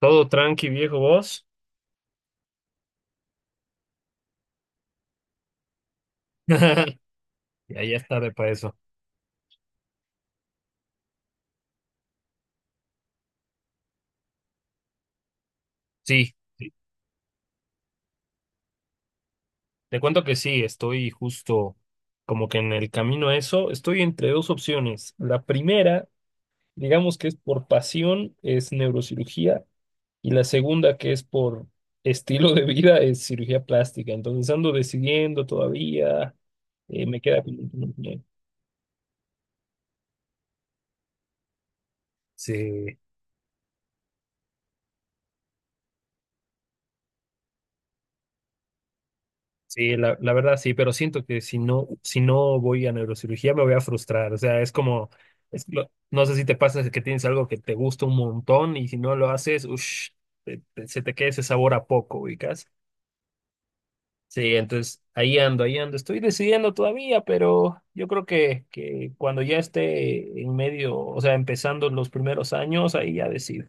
Todo tranqui, viejo, vos. Ya es tarde para eso. Sí, sí. Te cuento que sí, estoy justo como que en el camino a eso. Estoy entre dos opciones. La primera, digamos que es por pasión, es neurocirugía. Y la segunda, que es por estilo de vida, es cirugía plástica. Entonces ando decidiendo todavía. Me queda como... Sí, sí, la verdad sí, pero siento que si no voy a neurocirugía me voy a frustrar. O sea, es como, no sé si te pasa que tienes algo que te gusta un montón y si no lo haces, se te queda ese sabor a poco, ubicas. Sí, entonces ahí ando, ahí ando. Estoy decidiendo todavía, pero yo creo que cuando ya esté en medio, o sea, empezando los primeros años, ahí ya decido.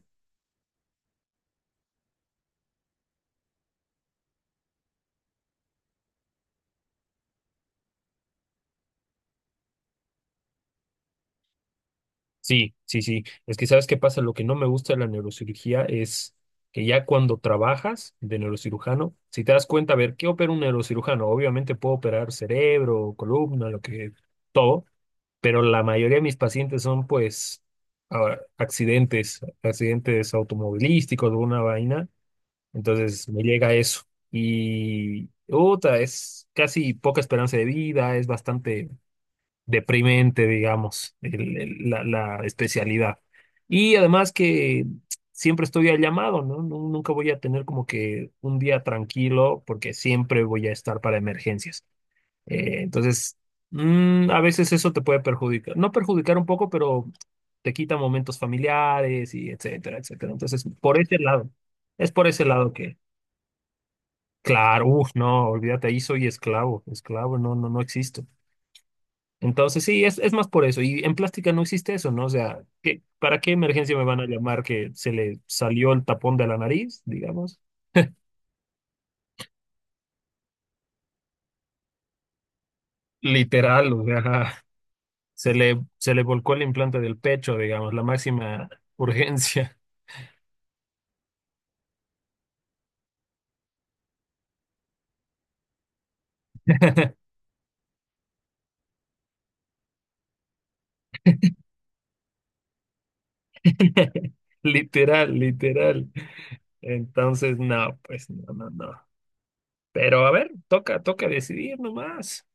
Sí, sí, sí. Es que sabes qué pasa, lo que no me gusta de la neurocirugía es que ya cuando trabajas de neurocirujano, si te das cuenta, a ver, ¿qué opera un neurocirujano? Obviamente puedo operar cerebro, columna, lo que, todo, pero la mayoría de mis pacientes son pues accidentes, accidentes automovilísticos, alguna vaina. Entonces me llega eso. Y, otra, es casi poca esperanza de vida, es bastante deprimente, digamos, la especialidad. Y además que siempre estoy al llamado, ¿no? Nunca voy a tener como que un día tranquilo porque siempre voy a estar para emergencias. Entonces, a veces eso te puede perjudicar, no perjudicar un poco, pero te quita momentos familiares y etcétera, etcétera. Entonces, por ese lado, es por ese lado que, claro, uff, no, olvídate, ahí soy esclavo, esclavo, no, no, no existo. Entonces, sí, es más por eso. Y en plástica no existe eso, ¿no? O sea, para qué emergencia me van a llamar que se le salió el tapón de la nariz, digamos? Literal, o sea, se le volcó el implante del pecho, digamos, la máxima urgencia. Literal, literal. Entonces, no, pues no, no, no. Pero a ver, toca, toca decidir nomás.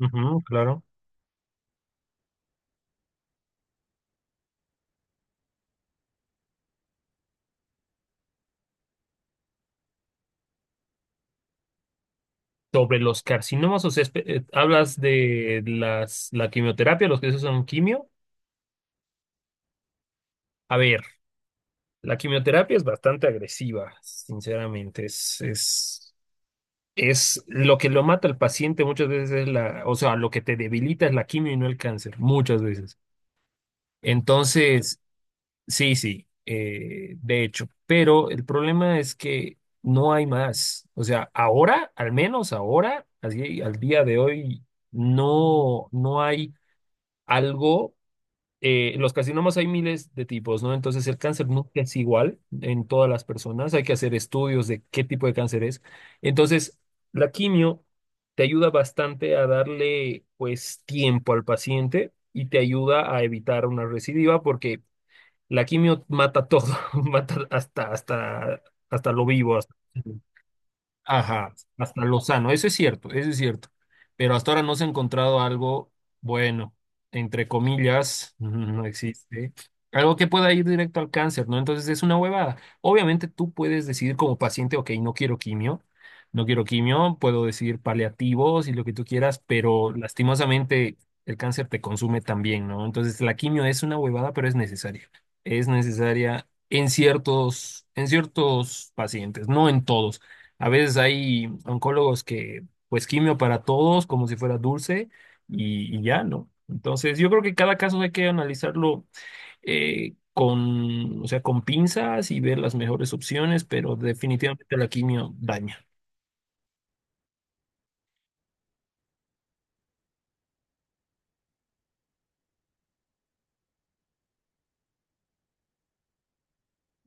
Ujú, claro. Sobre los carcinomas, o sea, hablas de las, la quimioterapia, los que se usan quimio. A ver. La quimioterapia es bastante agresiva, sinceramente. Es lo que lo mata al paciente muchas veces es la, o sea, lo que te debilita es la quimio y no el cáncer, muchas veces. Entonces, sí, sí, de hecho. Pero el problema es que no hay más. O sea, ahora, al menos ahora, así, al día de hoy, no, no hay algo los carcinomas hay miles de tipos, ¿no? Entonces el cáncer nunca es igual en todas las personas. Hay que hacer estudios de qué tipo de cáncer es. Entonces, la quimio te ayuda bastante a darle, pues, tiempo al paciente y te ayuda a evitar una recidiva porque la quimio mata todo, mata hasta lo vivo. Ajá, hasta Lozano, eso es cierto, eso es cierto. Pero hasta ahora no se ha encontrado algo bueno, entre comillas, no existe. Algo que pueda ir directo al cáncer, ¿no? Entonces es una huevada. Obviamente tú puedes decidir como paciente, ok, no quiero quimio, no quiero quimio, puedo decidir paliativos y lo que tú quieras, pero lastimosamente el cáncer te consume también, ¿no? Entonces la quimio es una huevada, pero es necesaria. Es necesaria en ciertos pacientes, no en todos. A veces hay oncólogos que, pues, quimio para todos, como si fuera dulce, y ya, ¿no? Entonces, yo creo que cada caso hay que analizarlo con, o sea, con pinzas y ver las mejores opciones, pero definitivamente la quimio daña.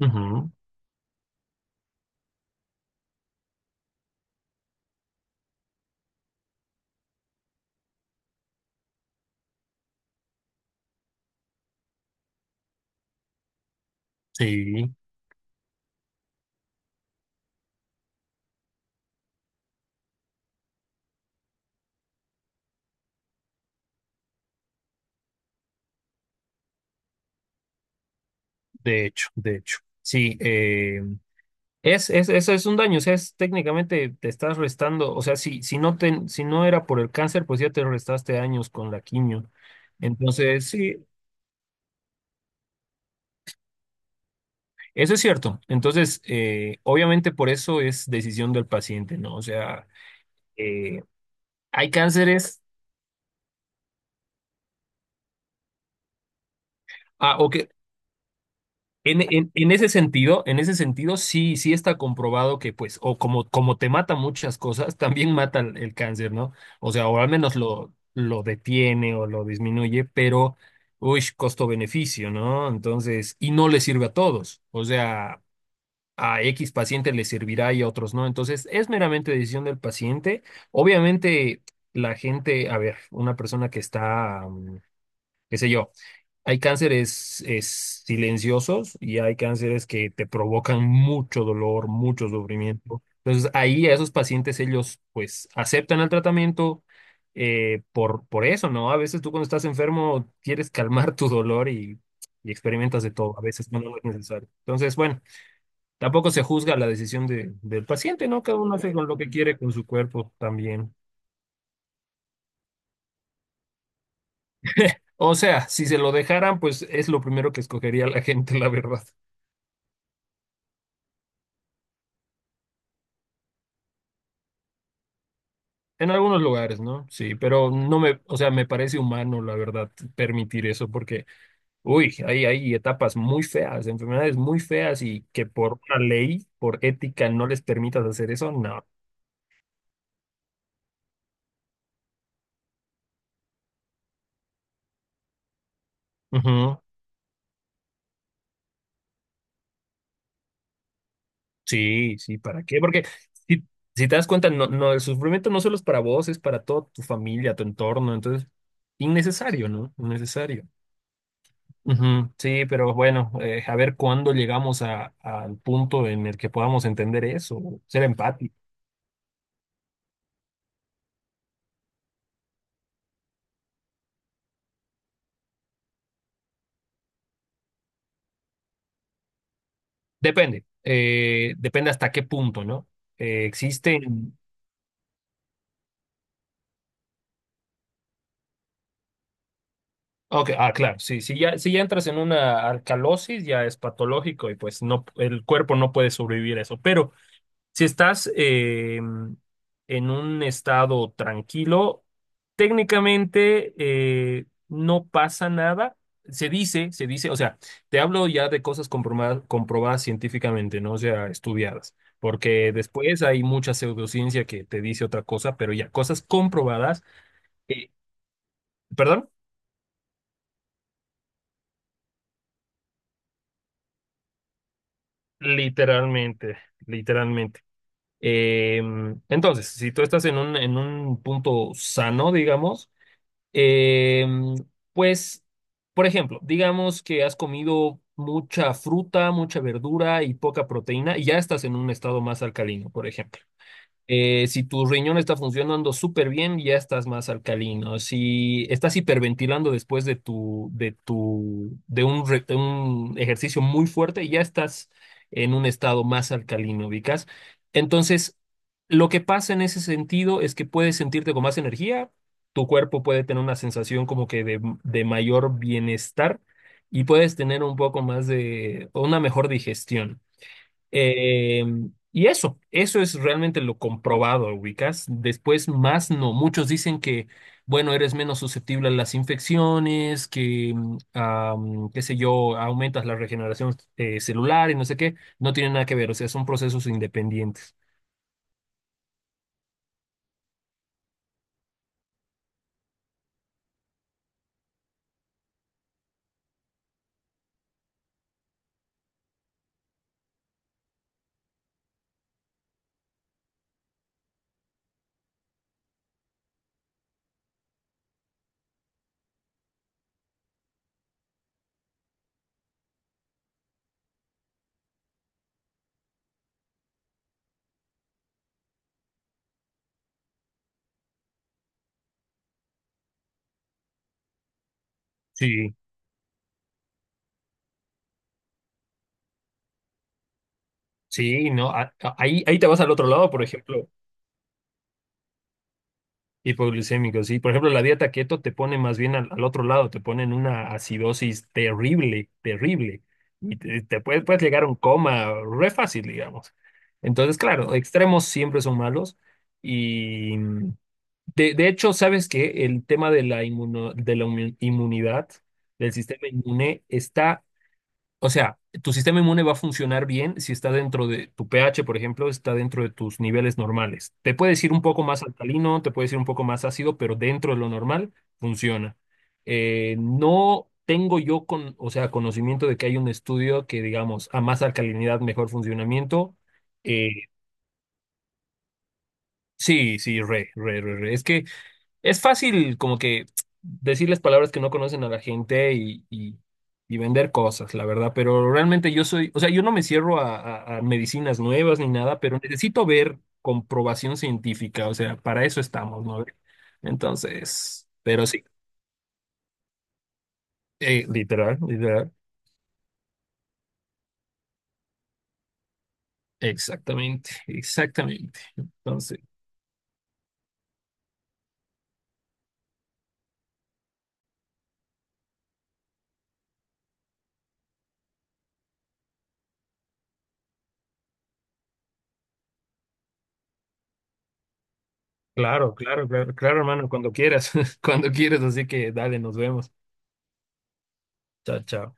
Ujú, sí, de hecho, de hecho. Sí, eso es un daño, o sea, es técnicamente te estás restando, o sea, si no te, si no era por el cáncer, pues ya te restaste años con la quimio. Entonces, sí, eso es cierto. Entonces, obviamente por eso es decisión del paciente, ¿no? O sea, eh, hay cánceres, ah, o que en ese sentido, en ese sentido sí, sí está comprobado que pues, o como, como te mata muchas cosas, también mata el cáncer, ¿no? O sea, o al menos lo detiene o lo disminuye, pero, uy, costo-beneficio, ¿no? Entonces, y no le sirve a todos. O sea, a X paciente le servirá y a otros no. Entonces, es meramente decisión del paciente. Obviamente, la gente, a ver, una persona que está, qué sé yo, hay cánceres es, silenciosos y hay cánceres que te provocan mucho dolor, mucho sufrimiento. Entonces, ahí a esos pacientes ellos pues aceptan el tratamiento. Por eso, ¿no? A veces tú cuando estás enfermo quieres calmar tu dolor y experimentas de todo. A veces no no es necesario. Entonces, bueno. Tampoco se juzga la decisión del paciente, ¿no? Cada uno hace con lo que quiere con su cuerpo también. O sea, si se lo dejaran, pues es lo primero que escogería la gente, la verdad. En algunos lugares, ¿no? Sí, pero no me, o sea, me parece humano, la verdad, permitir eso, porque, uy, hay etapas muy feas, enfermedades muy feas y que por una ley, por ética, no les permitas hacer eso, no. Ujú. Sí, sí, ¿para qué? Porque si, si te das cuenta, no, no, el sufrimiento no solo es para vos, es para toda tu familia, tu entorno, entonces, innecesario, ¿no? Innecesario. Ujú, sí, pero bueno, a ver cuándo llegamos a, al punto en el que podamos entender eso, ser empáticos. Depende, depende hasta qué punto, ¿no? Existen... Ok, ah, claro, sí, si ya entras en una alcalosis, ya es patológico y pues no, el cuerpo no puede sobrevivir a eso, pero... Si estás en un estado tranquilo, técnicamente no pasa nada. Se dice, o sea, te hablo ya de cosas comprobadas, comprobadas científicamente, ¿no? O sea, estudiadas, porque después hay mucha pseudociencia que te dice otra cosa, pero ya, cosas comprobadas, eh, perdón, literalmente, literalmente. Entonces, si tú estás en un punto sano, digamos, Em, pues, por ejemplo, digamos que has comido mucha fruta, mucha verdura y poca proteína y ya estás en un estado más alcalino, por ejemplo. Si tu riñón está funcionando súper bien, ya estás más alcalino. Si estás hiperventilando después de un, de un ejercicio muy fuerte, ya estás en un estado más alcalino, ¿ubicas? Entonces, lo que pasa en ese sentido es que puedes sentirte con más energía, tu cuerpo puede tener una sensación como que de mayor bienestar y puedes tener un poco más de, una mejor digestión. Eh, y eso es realmente lo comprobado, ubicas. Después, más no. Muchos dicen que, bueno, eres menos susceptible a las infecciones, que, qué sé yo, aumentas la regeneración celular y no sé qué. No tiene nada que ver, o sea, son procesos independientes. Sí, sí, ¿no? Ahí, ahí te vas al otro lado, por ejemplo. Hipoglucémicos sí. Por ejemplo, la dieta keto te pone más bien al, al otro lado, te pone en una acidosis terrible, terrible. Y te, puedes llegar a un coma re fácil, digamos. Entonces, claro, extremos siempre son malos. Y de hecho, ¿sabes que el tema de la, inmunidad, del sistema inmune, está o sea, tu sistema inmune va a funcionar bien si está dentro de tu pH, por ejemplo, está dentro de tus niveles normales. Te puedes ir un poco más alcalino, te puedes ir un poco más ácido, pero dentro de lo normal funciona. No tengo yo con, o sea, conocimiento de que hay un estudio que, digamos, a más alcalinidad, mejor funcionamiento. Eh, sí, sí, re, re, re, re. Es que es fácil como que decirles palabras que no conocen a la gente y vender cosas, la verdad, pero realmente yo soy, o sea, yo no me cierro a, a medicinas nuevas ni nada, pero necesito ver comprobación científica, o sea, para eso estamos, ¿no? Entonces, pero sí, literal, literal, exactamente, exactamente. Entonces, claro, claro, claro, claro, hermano, cuando quieras, cuando quieras, así que dale, nos vemos. Chao, chao.